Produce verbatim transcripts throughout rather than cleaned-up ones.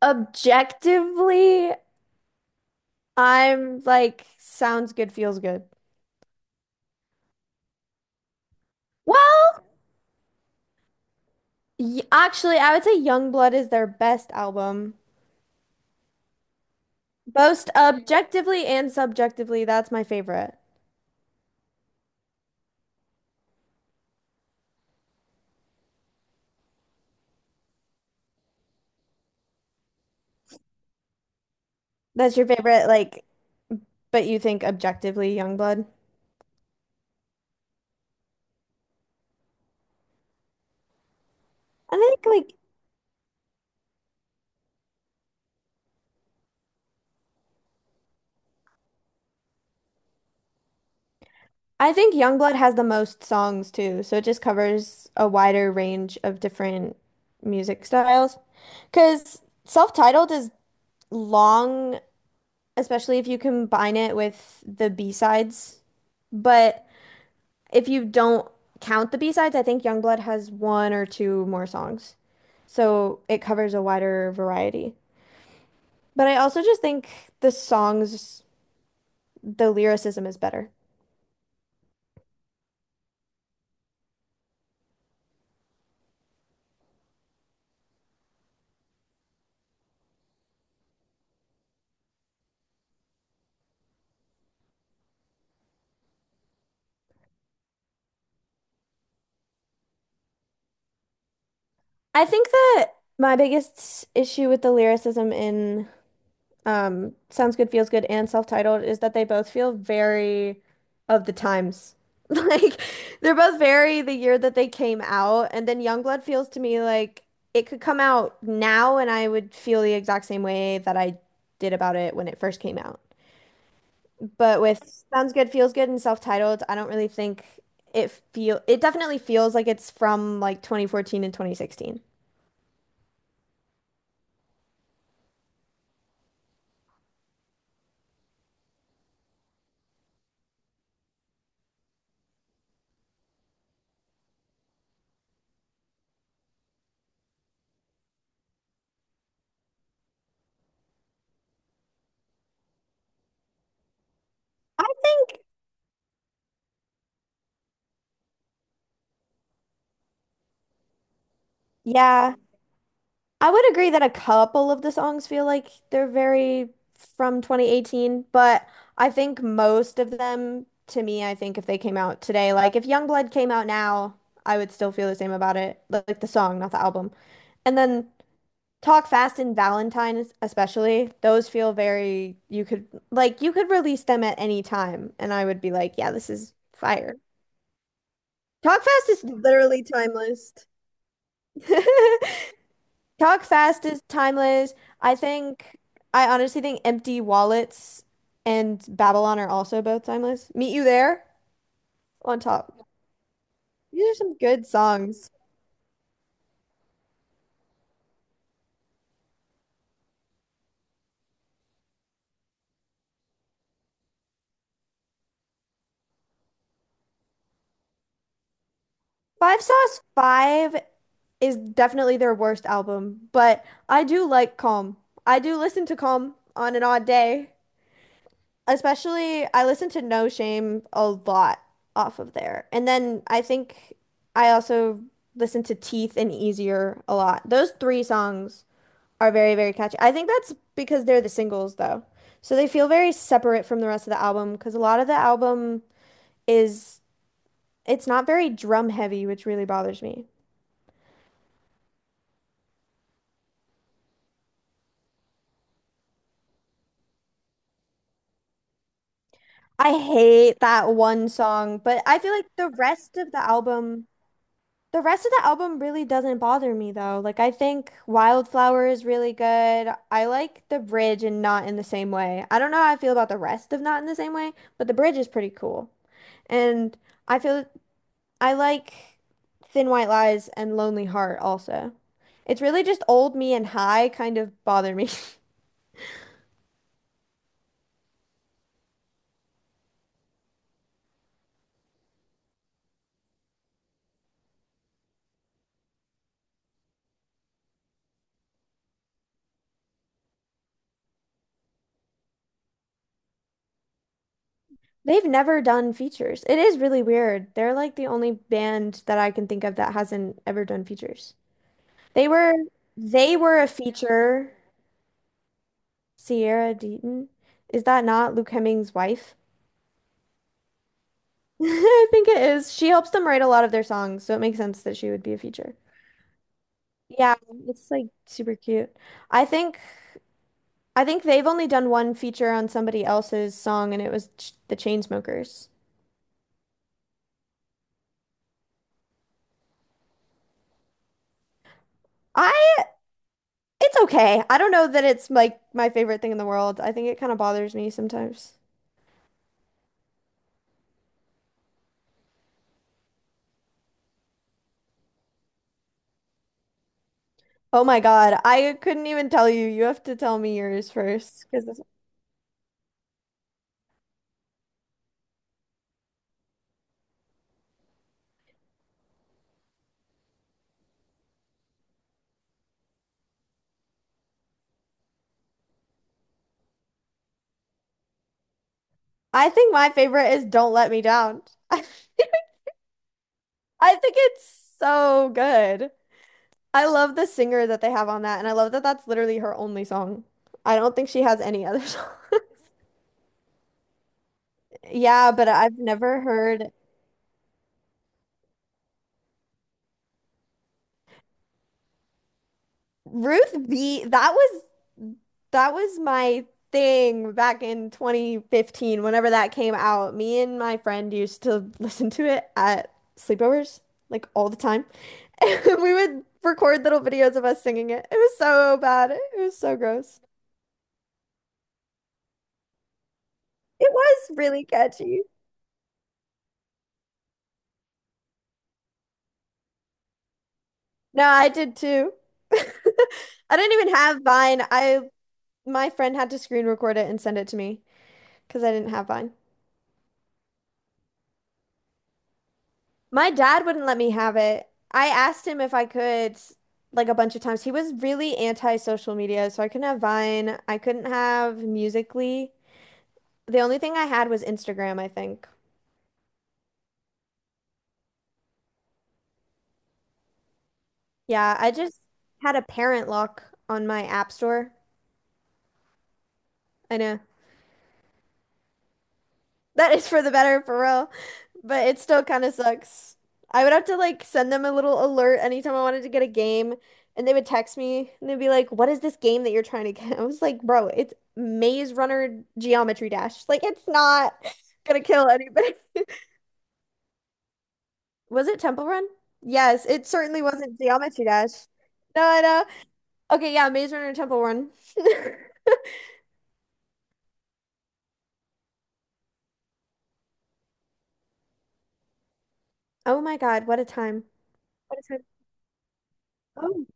Objectively, I'm like, sounds good, feels good. Well, y actually, I would say Youngblood is their best album. Both objectively and subjectively, that's my favorite. That's your favorite, like, but you think objectively Youngblood? I think like I think Youngblood has the most songs too, so it just covers a wider range of different music styles. Because self-titled is long especially if you combine it with the B-sides. But if you don't count the B-sides, I think Youngblood has one or two more songs. So it covers a wider variety. But I also just think the songs, the lyricism is better. I think that my biggest issue with the lyricism in um, Sounds Good, Feels Good, and Self-Titled is that they both feel very of the times. Like they're both very the year that they came out, and then Youngblood feels to me like it could come out now and I would feel the exact same way that I did about it when it first came out. But with Sounds Good, Feels Good, and Self-Titled, I don't really think it feel it definitely feels like it's from like twenty fourteen and twenty sixteen. I think, yeah. I would agree that a couple of the songs feel like they're very from twenty eighteen, but I think most of them, to me, I think if they came out today, like if Youngblood came out now, I would still feel the same about it. li- Like the song, not the album. And then Talk Fast and Valentine, especially, those feel very, you could, like, you could release them at any time, and I would be like, yeah, this is fire. Talk Fast is literally timeless. Talk fast is timeless. I think, I honestly think Empty Wallets and Babylon are also both timeless. Meet You There on top. These are some good songs. Five Sauce Five is definitely their worst album, but I do like Calm. I do listen to Calm on an odd day. Especially, I listen to No Shame a lot off of there. And then I think I also listen to Teeth and Easier a lot. Those three songs. Are very, very catchy. I think that's because they're the singles, though. So they feel very separate from the rest of the album because a lot of the album is, it's not very drum heavy, which really bothers me. I hate that one song, but I feel like the rest of the album, the rest of the album really doesn't bother me, though. Like, I think Wildflower is really good. I like the bridge and Not in the Same Way. I don't know how I feel about the rest of Not in the Same Way, but the bridge is pretty cool. And I feel I like Thin White Lies and Lonely Heart also. It's really just Old Me and High kind of bother me. They've never done features. It is really weird. They're like the only band that I can think of that hasn't ever done features. They were they were a feature. Sierra Deaton. Is that not Luke Hemming's wife? I think it is. She helps them write a lot of their songs, so it makes sense that she would be a feature. Yeah, it's like super cute. I think I think they've only done one feature on somebody else's song, and it was Ch the Chainsmokers. I it's okay. I don't know that it's like my favorite thing in the world. I think it kind of bothers me sometimes. Oh my God, I couldn't even tell you. You have to tell me yours first, because I think my favorite is "Don't Let Me Down." I think it's so good. I love the singer that they have on that, and I love that that's literally her only song. I don't think she has any other song. Yeah, but I've never heard. Ruth B, that was that was my thing back in twenty fifteen, whenever that came out. Me and my friend used to listen to it at sleepovers, like all the time. And we would record little videos of us singing it. It was so bad. It was so gross. It was really catchy. No, I did too. I didn't even have Vine. I my friend had to screen record it and send it to me because I didn't have Vine. My dad wouldn't let me have it. I asked him if I could, like a bunch of times. He was really anti-social media, so I couldn't have Vine. I couldn't have Musical.ly. The only thing I had was Instagram, I think. Yeah, I just had a parent lock on my app store. I know. That is for the better, for real. But it still kind of sucks. I would have to like send them a little alert anytime I wanted to get a game, and they would text me and they'd be like, "What is this game that you're trying to get?" I was like, "Bro, it's Maze Runner Geometry Dash. Like, it's not gonna kill anybody." Was it Temple Run? Yes, it certainly wasn't Geometry Dash. No, I know. Okay, yeah, Maze Runner Temple Run. Oh my God, what a time. What a time. Oh,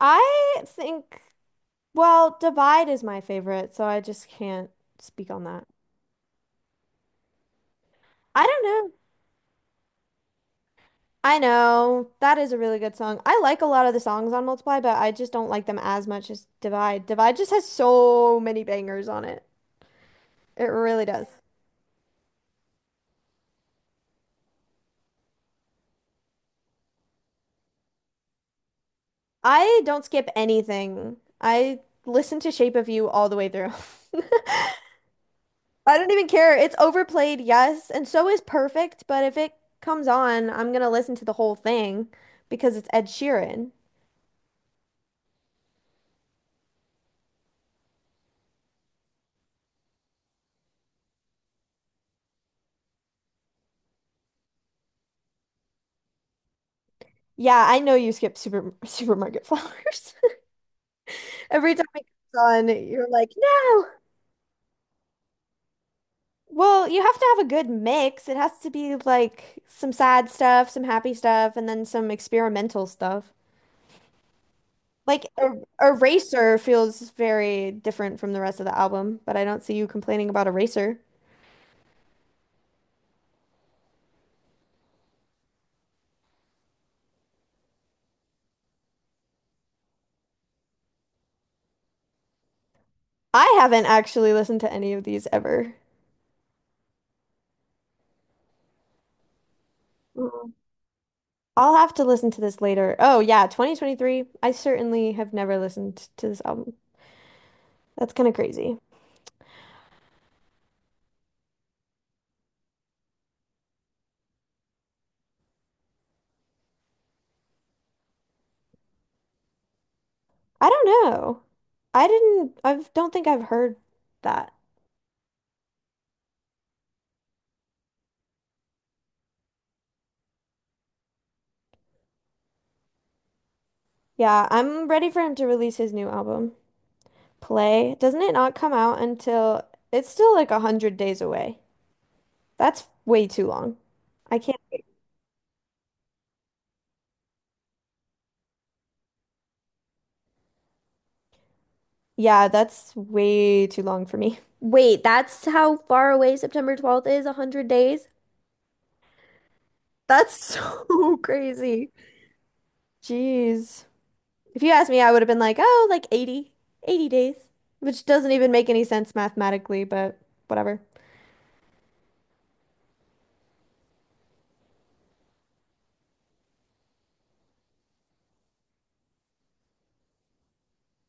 I think. Well, Divide is my favorite, so I just can't speak on that. I don't know. I know. That is a really good song. I like a lot of the songs on Multiply, but I just don't like them as much as Divide. Divide just has so many bangers on it. It really does. I don't skip anything. I listen to Shape of You all the way through. I don't even care. It's overplayed, yes, and so is Perfect, but if it comes on, I'm gonna listen to the whole thing because it's Ed Sheeran. Yeah, I know you skip super supermarket flowers. Every time it comes on, you're like, no. Well, you have to have a good mix. It has to be like some sad stuff, some happy stuff, and then some experimental stuff. Like Er- Eraser feels very different from the rest of the album, but I don't see you complaining about Eraser. I haven't actually listened to any of these ever. Mm. I'll have to listen to this later. Oh yeah, twenty twenty-three. I certainly have never listened to this album. That's kind of crazy. I don't know. I didn't, I don't think I've heard that. Yeah, I'm ready for him to release his new album, Play. Doesn't it not come out until it's still like a hundred days away? That's way too long. I can't, yeah, that's way too long for me. Wait, that's how far away September twelfth is, one hundred days? That's so crazy. Jeez. If you asked me, I would have been like, oh, like eighty, eighty days, which doesn't even make any sense mathematically, but whatever.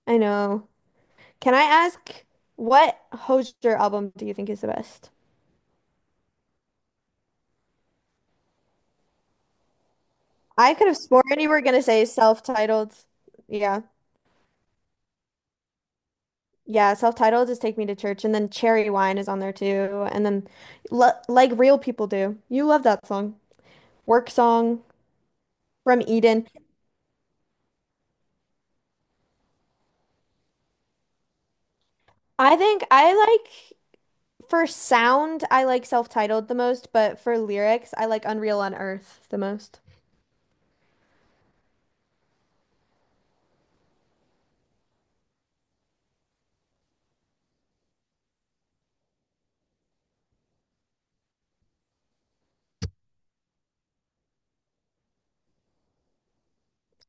I know. Can I ask what Hozier album do you think is the best? I could have sworn you were gonna say self-titled. Yeah. Yeah, self-titled is Take Me to Church and then Cherry Wine is on there too. And then L Like Real People Do. You love that song. Work Song from Eden. I think I like for sound, I like self-titled the most, but for lyrics, I like Unreal on Earth the most.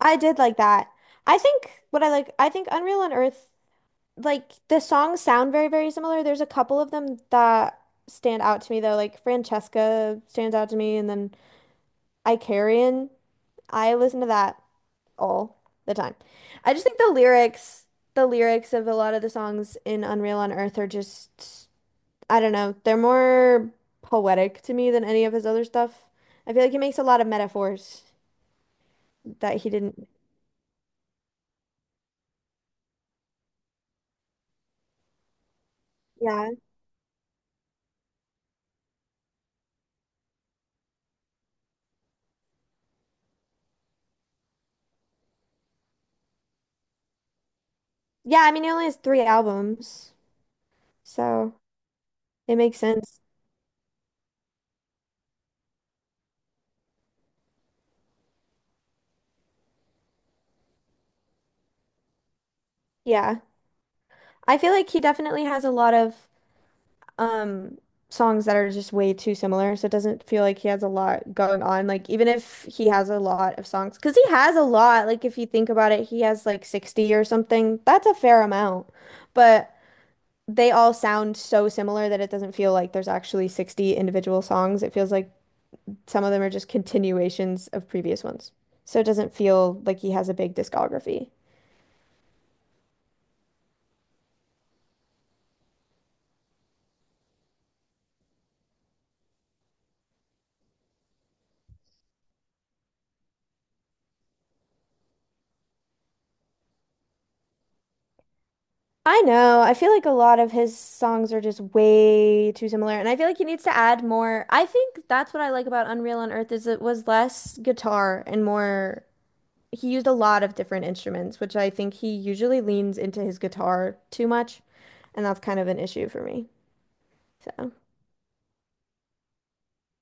I did like that. I think what I like, I think Unreal on Earth like the songs sound very, very similar. There's a couple of them that stand out to me though. Like Francesca stands out to me, and then Icarian. I listen to that all the time. I just think the lyrics, the lyrics of a lot of the songs in Unreal on Earth are just, I don't know, they're more poetic to me than any of his other stuff. I feel like he makes a lot of metaphors that he didn't. Yeah. Yeah, I mean, he only has three albums, so it makes sense. Yeah. I feel like he definitely has a lot of um songs that are just way too similar, so it doesn't feel like he has a lot going on. Like even if he has a lot of songs, because he has a lot. Like if you think about it, he has like sixty or something. That's a fair amount. But they all sound so similar that it doesn't feel like there's actually sixty individual songs. It feels like some of them are just continuations of previous ones. So it doesn't feel like he has a big discography. I know. I feel like a lot of his songs are just way too similar, and I feel like he needs to add more. I think that's what I like about Unreal on Earth is it was less guitar and more. He used a lot of different instruments, which I think he usually leans into his guitar too much, and that's kind of an issue for me. So.